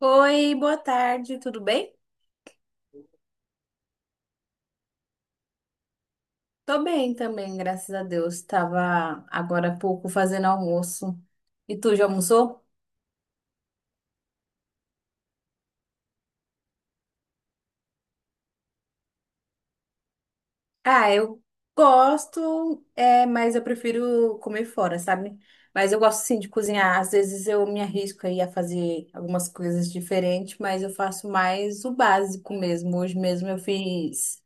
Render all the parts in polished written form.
Oi, boa tarde, tudo bem? Tô bem também, graças a Deus. Tava agora há pouco fazendo almoço. E tu já almoçou? Ah, eu gosto, é, mas eu prefiro comer fora, sabe? Mas eu gosto sim de cozinhar. Às vezes eu me arrisco aí a fazer algumas coisas diferentes, mas eu faço mais o básico mesmo. Hoje mesmo eu fiz,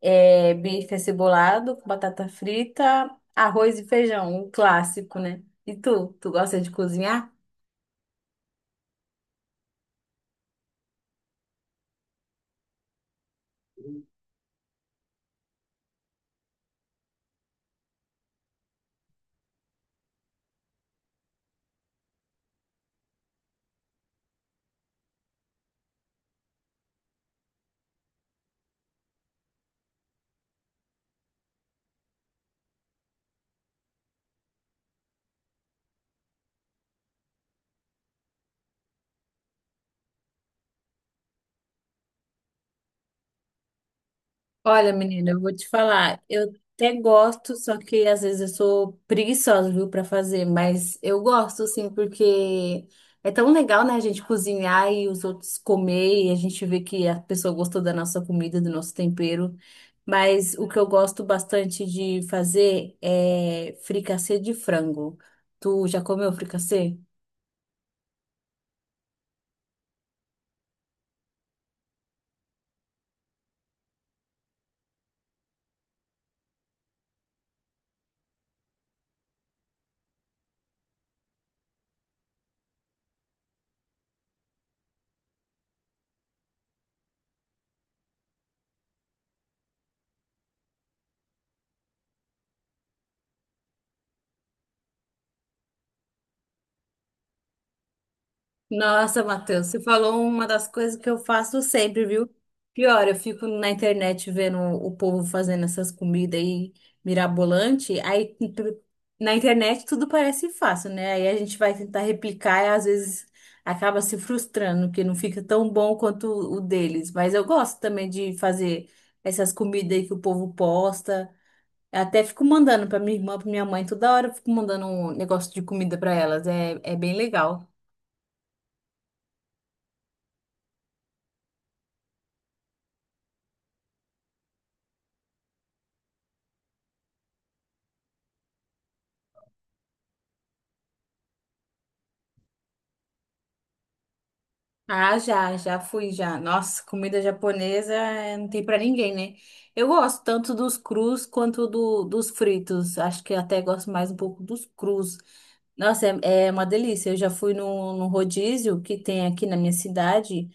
é, bife acebolado com batata frita, arroz e feijão, o clássico, né? E tu, tu gosta de cozinhar? Olha, menina, eu vou te falar, eu até gosto, só que às vezes eu sou preguiçosa, viu, para fazer, mas eu gosto, assim, porque é tão legal, né, a gente cozinhar e os outros comer e a gente vê que a pessoa gostou da nossa comida, do nosso tempero. Mas o que eu gosto bastante de fazer é fricassê de frango. Tu já comeu fricassê? Nossa, Matheus, você falou uma das coisas que eu faço sempre, viu? Pior, eu fico na internet vendo o povo fazendo essas comidas aí mirabolante, aí na internet tudo parece fácil, né? Aí a gente vai tentar replicar e às vezes acaba se frustrando, que não fica tão bom quanto o deles. Mas eu gosto também de fazer essas comidas aí que o povo posta. Eu até fico mandando pra minha irmã, pra minha mãe, toda hora eu fico mandando um negócio de comida pra elas. É, é bem legal. Ah, já, já fui já. Nossa, comida japonesa não tem pra ninguém, né? Eu gosto tanto dos crus quanto dos fritos. Acho que até gosto mais um pouco dos crus. Nossa, é, é uma delícia. Eu já fui num rodízio que tem aqui na minha cidade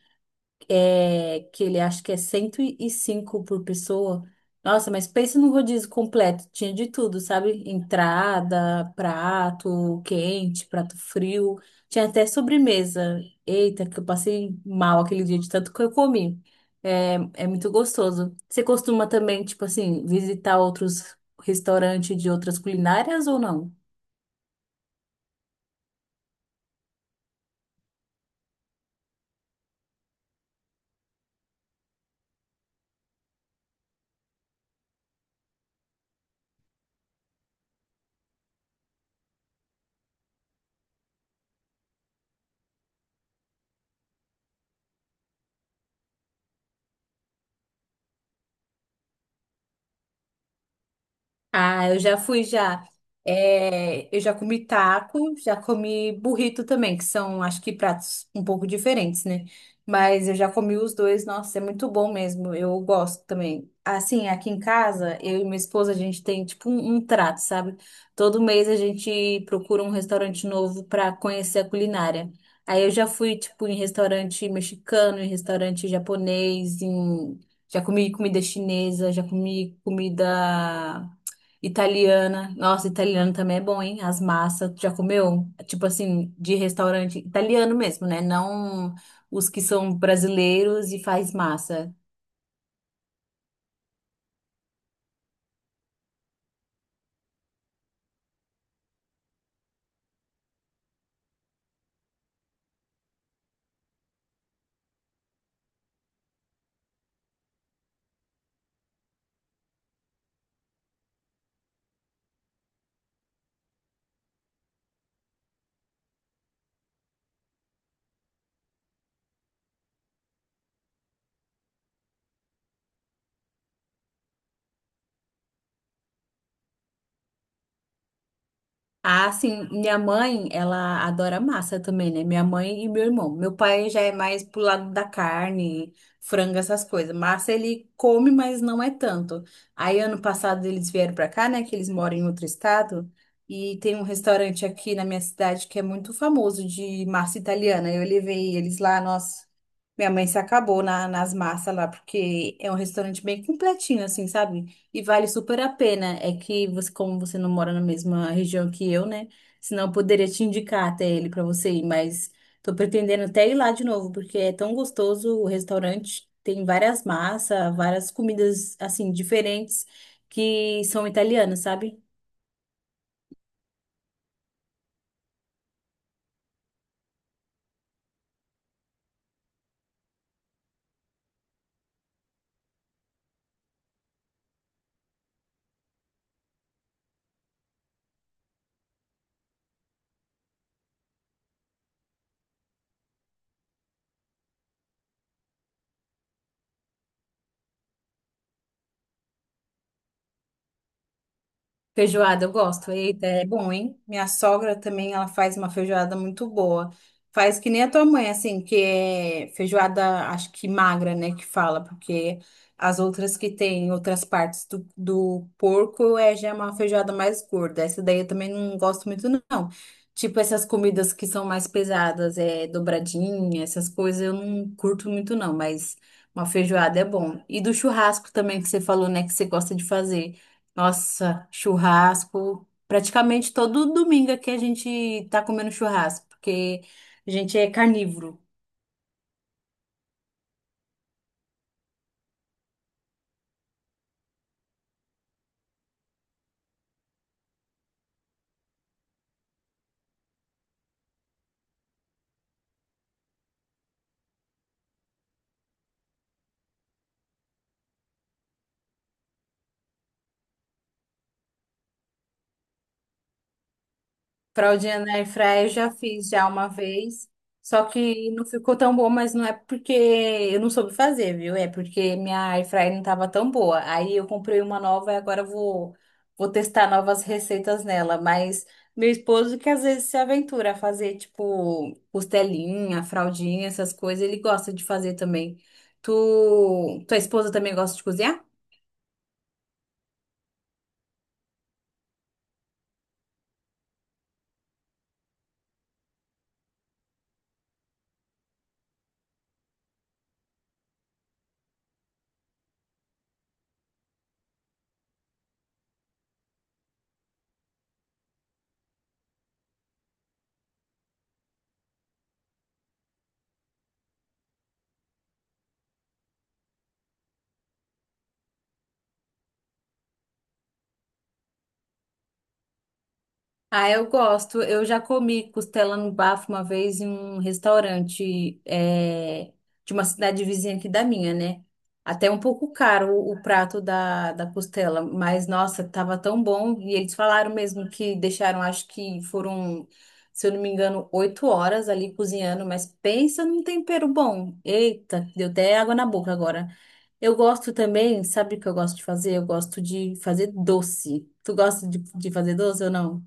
é, que ele acha que é 105 por pessoa. Nossa, mas pensa num rodízio completo. Tinha de tudo, sabe? Entrada, prato quente, prato frio. Tinha até sobremesa. Eita, que eu passei mal aquele dia de tanto que eu comi. É, é muito gostoso. Você costuma também, tipo assim, visitar outros restaurantes de outras culinárias ou não? Ah, eu já fui já. É, eu já comi taco, já comi burrito também, que são, acho que, pratos um pouco diferentes, né? Mas eu já comi os dois, nossa, é muito bom mesmo. Eu gosto também. Assim, aqui em casa, eu e minha esposa, a gente tem tipo um trato, sabe? Todo mês a gente procura um restaurante novo para conhecer a culinária. Aí eu já fui, tipo, em restaurante mexicano, em restaurante japonês, em... já comi comida chinesa, já comi comida. Italiana. Nossa, italiano também é bom, hein? As massas. Tu Já comeu? Tipo assim, de restaurante italiano mesmo, né? Não os que são brasileiros e faz massa. Ah, sim, minha mãe, ela adora massa também, né? Minha mãe e meu irmão. Meu pai já é mais pro lado da carne, frango, essas coisas. Massa ele come, mas não é tanto. Aí ano passado eles vieram pra cá, né? Que eles moram em outro estado. E tem um restaurante aqui na minha cidade que é muito famoso de massa italiana. Eu levei eles lá, nossa. Minha mãe se acabou nas massas lá, porque é um restaurante bem completinho, assim, sabe? E vale super a pena. É que você, como você não mora na mesma região que eu, né? Senão eu poderia te indicar até ele pra você ir, mas tô pretendendo até ir lá de novo, porque é tão gostoso o restaurante. Tem várias massas, várias comidas assim diferentes que são italianas, sabe? Feijoada, eu gosto. Eita, é bom, hein? Minha sogra também, ela faz uma feijoada muito boa. Faz que nem a tua mãe, assim, que é feijoada, acho que magra, né, que fala, porque as outras que tem outras partes do porco é já é uma feijoada mais gorda. Essa daí eu também não gosto muito, não. Tipo, essas comidas que são mais pesadas, é dobradinha, essas coisas eu não curto muito, não, mas uma feijoada é bom. E do churrasco também que você falou, né, que você gosta de fazer. Nossa, churrasco. Praticamente todo domingo aqui a gente tá comendo churrasco, porque a gente é carnívoro. Fraldinha na airfryer eu já fiz já uma vez, só que não ficou tão bom, mas não é porque eu não soube fazer, viu? É porque minha airfryer não tava tão boa. Aí eu comprei uma nova e agora eu vou testar novas receitas nela, mas meu esposo que às vezes se aventura a fazer tipo costelinha, fraldinha, essas coisas, ele gosta de fazer também. Tu, tua esposa também gosta de cozinhar? Ah, eu gosto. Eu já comi costela no bafo uma vez em um restaurante de uma cidade vizinha aqui da minha, né? Até um pouco caro o prato da costela, mas nossa, tava tão bom. E eles falaram mesmo que deixaram, acho que foram, se eu não me engano, 8 horas ali cozinhando, mas pensa num tempero bom. Eita, deu até água na boca agora. Eu gosto também, sabe o que eu gosto de fazer? Eu gosto de fazer doce. Tu gosta de fazer doce ou não?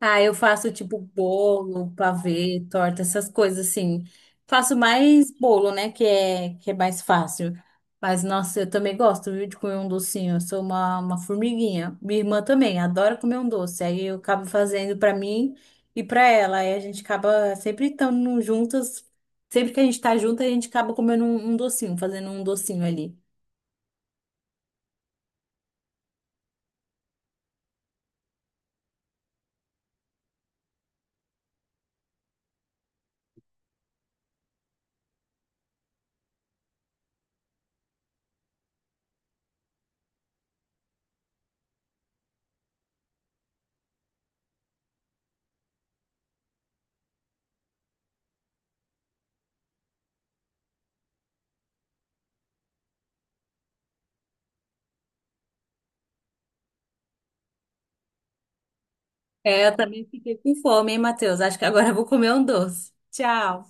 Ah, eu faço tipo bolo, pavê, torta, essas coisas assim. Faço mais bolo, né? Que é mais fácil. Mas, nossa, eu também gosto, viu, de comer um docinho. Eu sou uma formiguinha. Minha irmã também adora comer um doce. Aí eu acabo fazendo pra mim e pra ela. Aí a gente acaba sempre estando juntas. Sempre que a gente tá junto, a gente acaba comendo um docinho, fazendo um docinho ali. É, eu também fiquei com fome, hein, Matheus? Acho que agora eu vou comer um doce. Tchau.